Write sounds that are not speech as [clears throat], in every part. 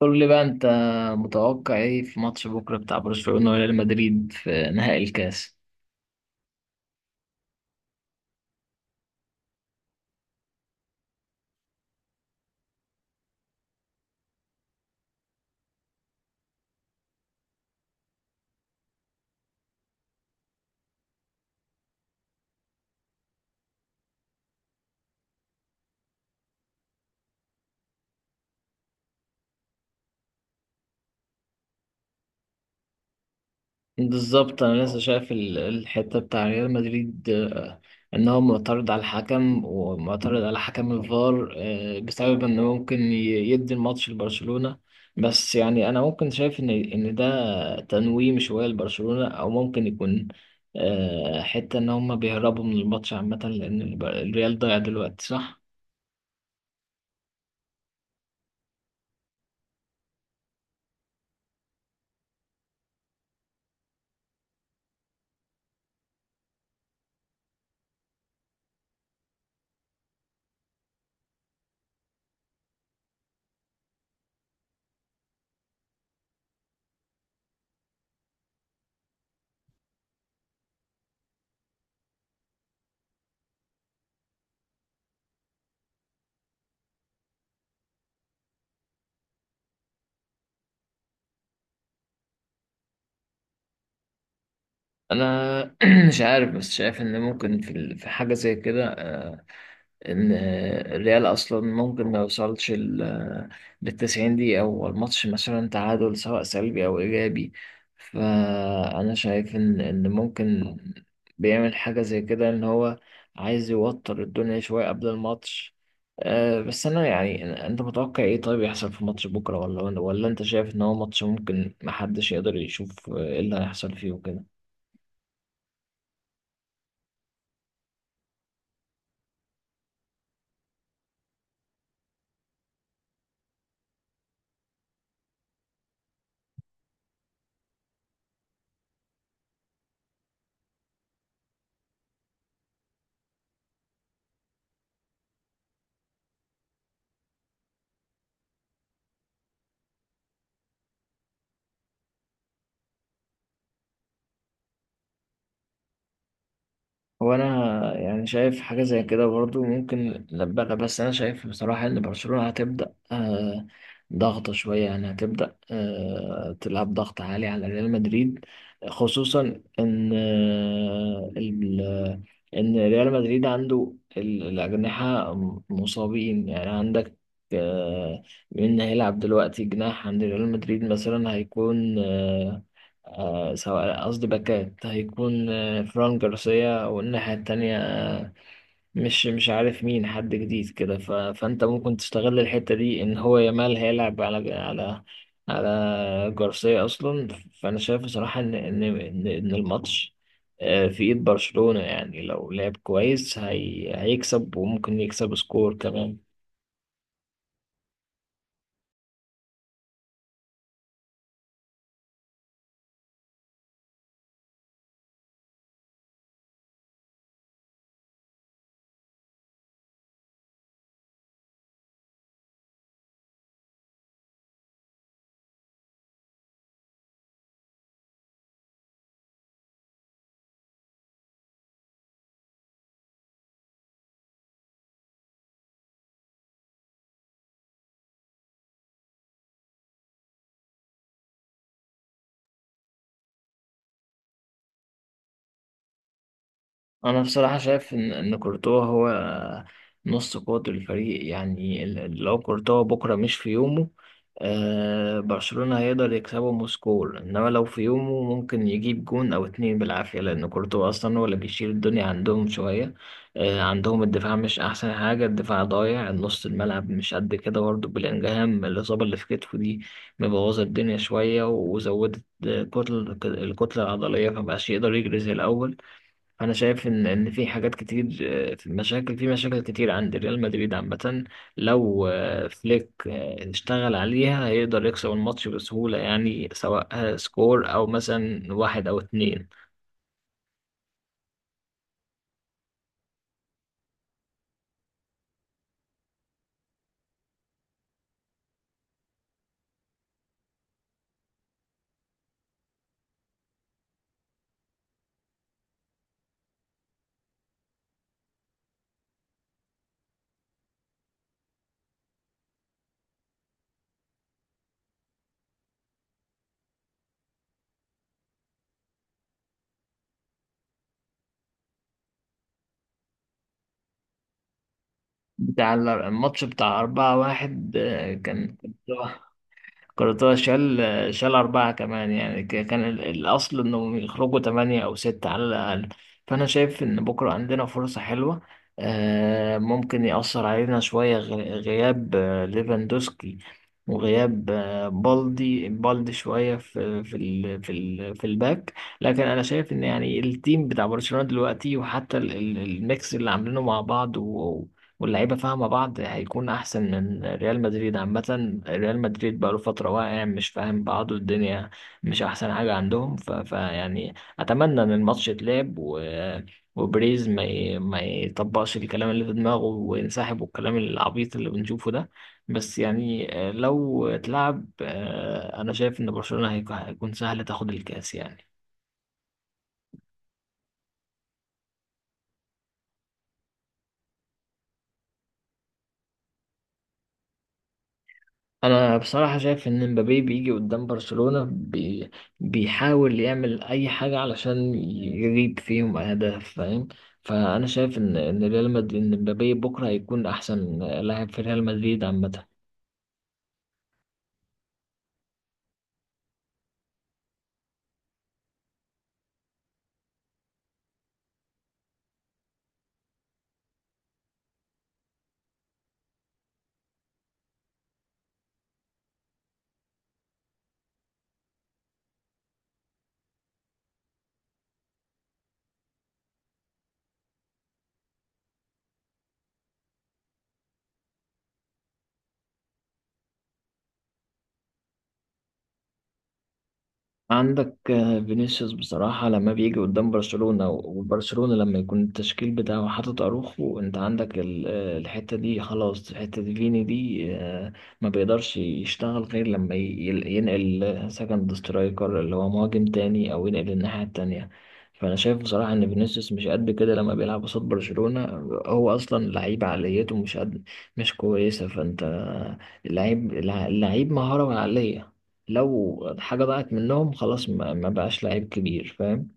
قول لي بقى انت متوقع ايه في ماتش بكره بتاع برشلونه وريال مدريد في نهائي الكاس. بالظبط انا لسه شايف الحته بتاع ريال مدريد، ان هو معترض على الحكم ومعترض على حكم الفار، بسبب انه ممكن يدي الماتش لبرشلونه. بس يعني انا ممكن شايف ان ده تنويم شويه لبرشلونه او ممكن يكون، حته ان هم بيهربوا من الماتش عامه لان الريال ضايع دلوقتي صح. انا [clears throat] مش عارف بس شايف ان ممكن في حاجه زي كده، ان الريال اصلا ممكن ما يوصلش لل 90 دقيقه او الماتش مثلا تعادل سواء سلبي او ايجابي. فانا شايف ان ممكن بيعمل حاجه زي كده ان هو عايز يوتر الدنيا شويه قبل الماتش. بس انا يعني انت متوقع ايه طيب يحصل في ماتش بكره ولا انت شايف ان هو ماتش ممكن محدش يقدر يشوف، ايه اللي هيحصل فيه وكده؟ هو انا يعني شايف حاجه زي كده برضو ممكن نبقى، بس انا شايف بصراحه ان برشلونه هتبدا، ضغط شويه يعني هتبدا تلعب ضغط عالي على ريال مدريد، خصوصا ان ان ريال مدريد عنده الاجنحه مصابين. يعني عندك آه، مين هيلعب دلوقتي جناح عند ريال مدريد مثلا، هيكون سواء قصدي باكات، هيكون فران جارسيا والناحية التانية مش عارف مين، حد جديد كده. فأنت ممكن تستغل الحتة دي إن هو يامال هيلعب على على جارسيا أصلا. فأنا شايف بصراحة إن الماتش، في إيد برشلونة يعني لو لعب كويس هيكسب وممكن يكسب سكور كمان. انا بصراحه شايف ان كورتوا هو نص قوة الفريق. يعني لو كورتوا بكره مش في يومه، آه، برشلونه هيقدر يكسبه مسكول، انما لو في يومه ممكن يجيب جون او اتنين بالعافيه، لان كورتوا اصلا هو اللي بيشيل الدنيا عندهم شويه. آه، عندهم الدفاع مش احسن حاجه، الدفاع ضايع، نص الملعب مش قد كده برضه. بلينجهام الاصابه اللي في كتفه دي مبوظه الدنيا شويه وزودت الكتله العضليه، فمبقاش يقدر يجري زي الاول. انا شايف ان في حاجات كتير، آه، في مشاكل كتير عند ريال مدريد عامه. لو، آه، فليك، آه، اشتغل عليها هيقدر يكسب الماتش بسهوله، يعني سواء، آه، سكور او مثلا واحد او اتنين. بتاع الماتش بتاع أربعة واحد، آه، كان كورتوا شال أربعة كمان. يعني الأصل إنهم يخرجوا تمانية أو ستة على الأقل. فأنا شايف إن بكرة عندنا فرصة حلوة. آه، ممكن يأثر علينا شوية غياب، آه، ليفاندوسكي، وغياب، آه، بالدي شوية في الباك. لكن أنا شايف إن يعني التيم بتاع برشلونة دلوقتي، وحتى الميكس اللي عاملينه مع بعض واللعيبه فاهمه بعض، هيكون احسن من ريال مدريد. عامه ريال مدريد بقاله فتره واقع، مش فاهم بعضه، الدنيا مش احسن حاجه عندهم. فيعني اتمنى ان الماتش يتلعب، وبريز ما يطبقش الكلام اللي في دماغه وينسحب، والكلام العبيط اللي بنشوفه ده. بس يعني، آه، لو اتلعب، آه، انا شايف ان برشلونه هيكون سهل تاخد الكاس يعني. انا بصراحه شايف ان مبابي بيجي قدام برشلونه، بيحاول يعمل اي حاجه علشان يجيب فيهم اهداف فاهم. فانا شايف ان ان ريال مدريد ان مبابي بكره هيكون احسن لاعب في ريال مدريد عامه. عندك، آه، فينيسيوس بصراحة لما بيجي قدام برشلونة، وبرشلونة لما يكون التشكيل بتاعه حاطط أروخو، أنت عندك آه، الحتة دي خلاص، حتة فيني دي، آه، ما بيقدرش يشتغل غير لما ينقل سكند سترايكر اللي هو مهاجم تاني، أو ينقل الناحية التانية. فأنا شايف بصراحة إن فينيسيوس مش قد كده لما بيلعب قصاد برشلونة. هو أصلا لعيب عقليته مش قد، مش كويسة. فأنت اللعيب مهارة وعقلية، لو حاجة ضاعت منهم خلاص، ما بقاش لعيب كبير فاهم.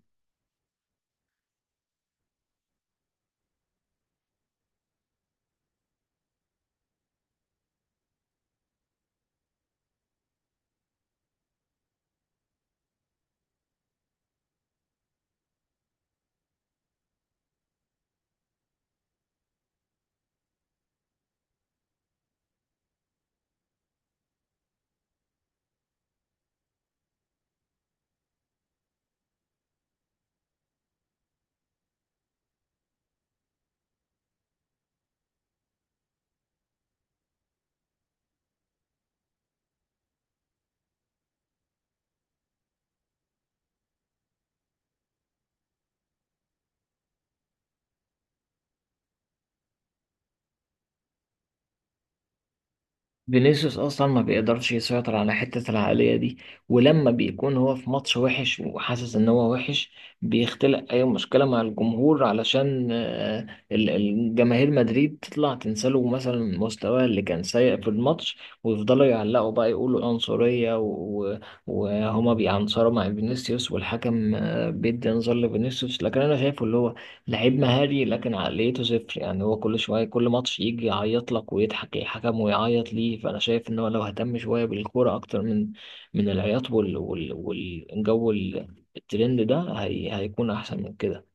فينيسيوس أصلا ما بيقدرش يسيطر على حتة العقلية دي، ولما بيكون هو في ماتش وحش وحاسس إن هو وحش، بيختلق أي مشكلة مع الجمهور علشان، آه، الجماهير مدريد تطلع تنساله مثلا مستواه اللي كان سيء في الماتش، ويفضلوا يعلقوا بقى يقولوا عنصرية وهما بيعنصروا مع فينيسيوس، والحكم، آه، بيدي انذار لفينيسيوس. لكن أنا شايفه اللي هو لعيب مهاري لكن عقليته صفر. يعني هو كل شوية كل ماتش يجي يعيط لك ويضحك الحكم ويعيط ليه. فأنا شايف إن هو لو اهتم شوية بالكورة أكتر من من العياط والجو الترند ده، هي هيكون أحسن من كده.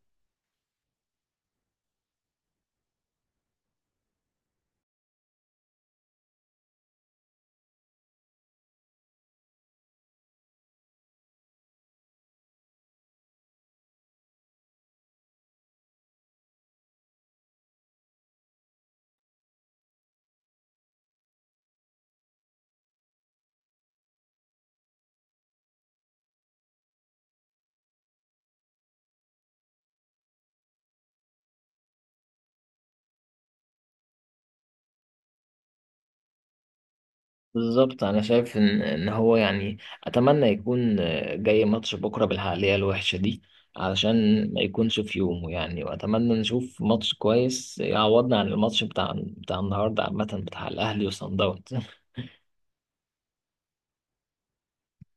بالظبط أنا شايف إن هو يعني أتمنى يكون، آه، جاي ماتش بكرة بالعقلية الوحشة دي، علشان ما يكونش في يومه يعني. وأتمنى نشوف ماتش كويس يعوضنا عن الماتش بتاع النهاردة عامة، بتاع الأهلي وصن داونز.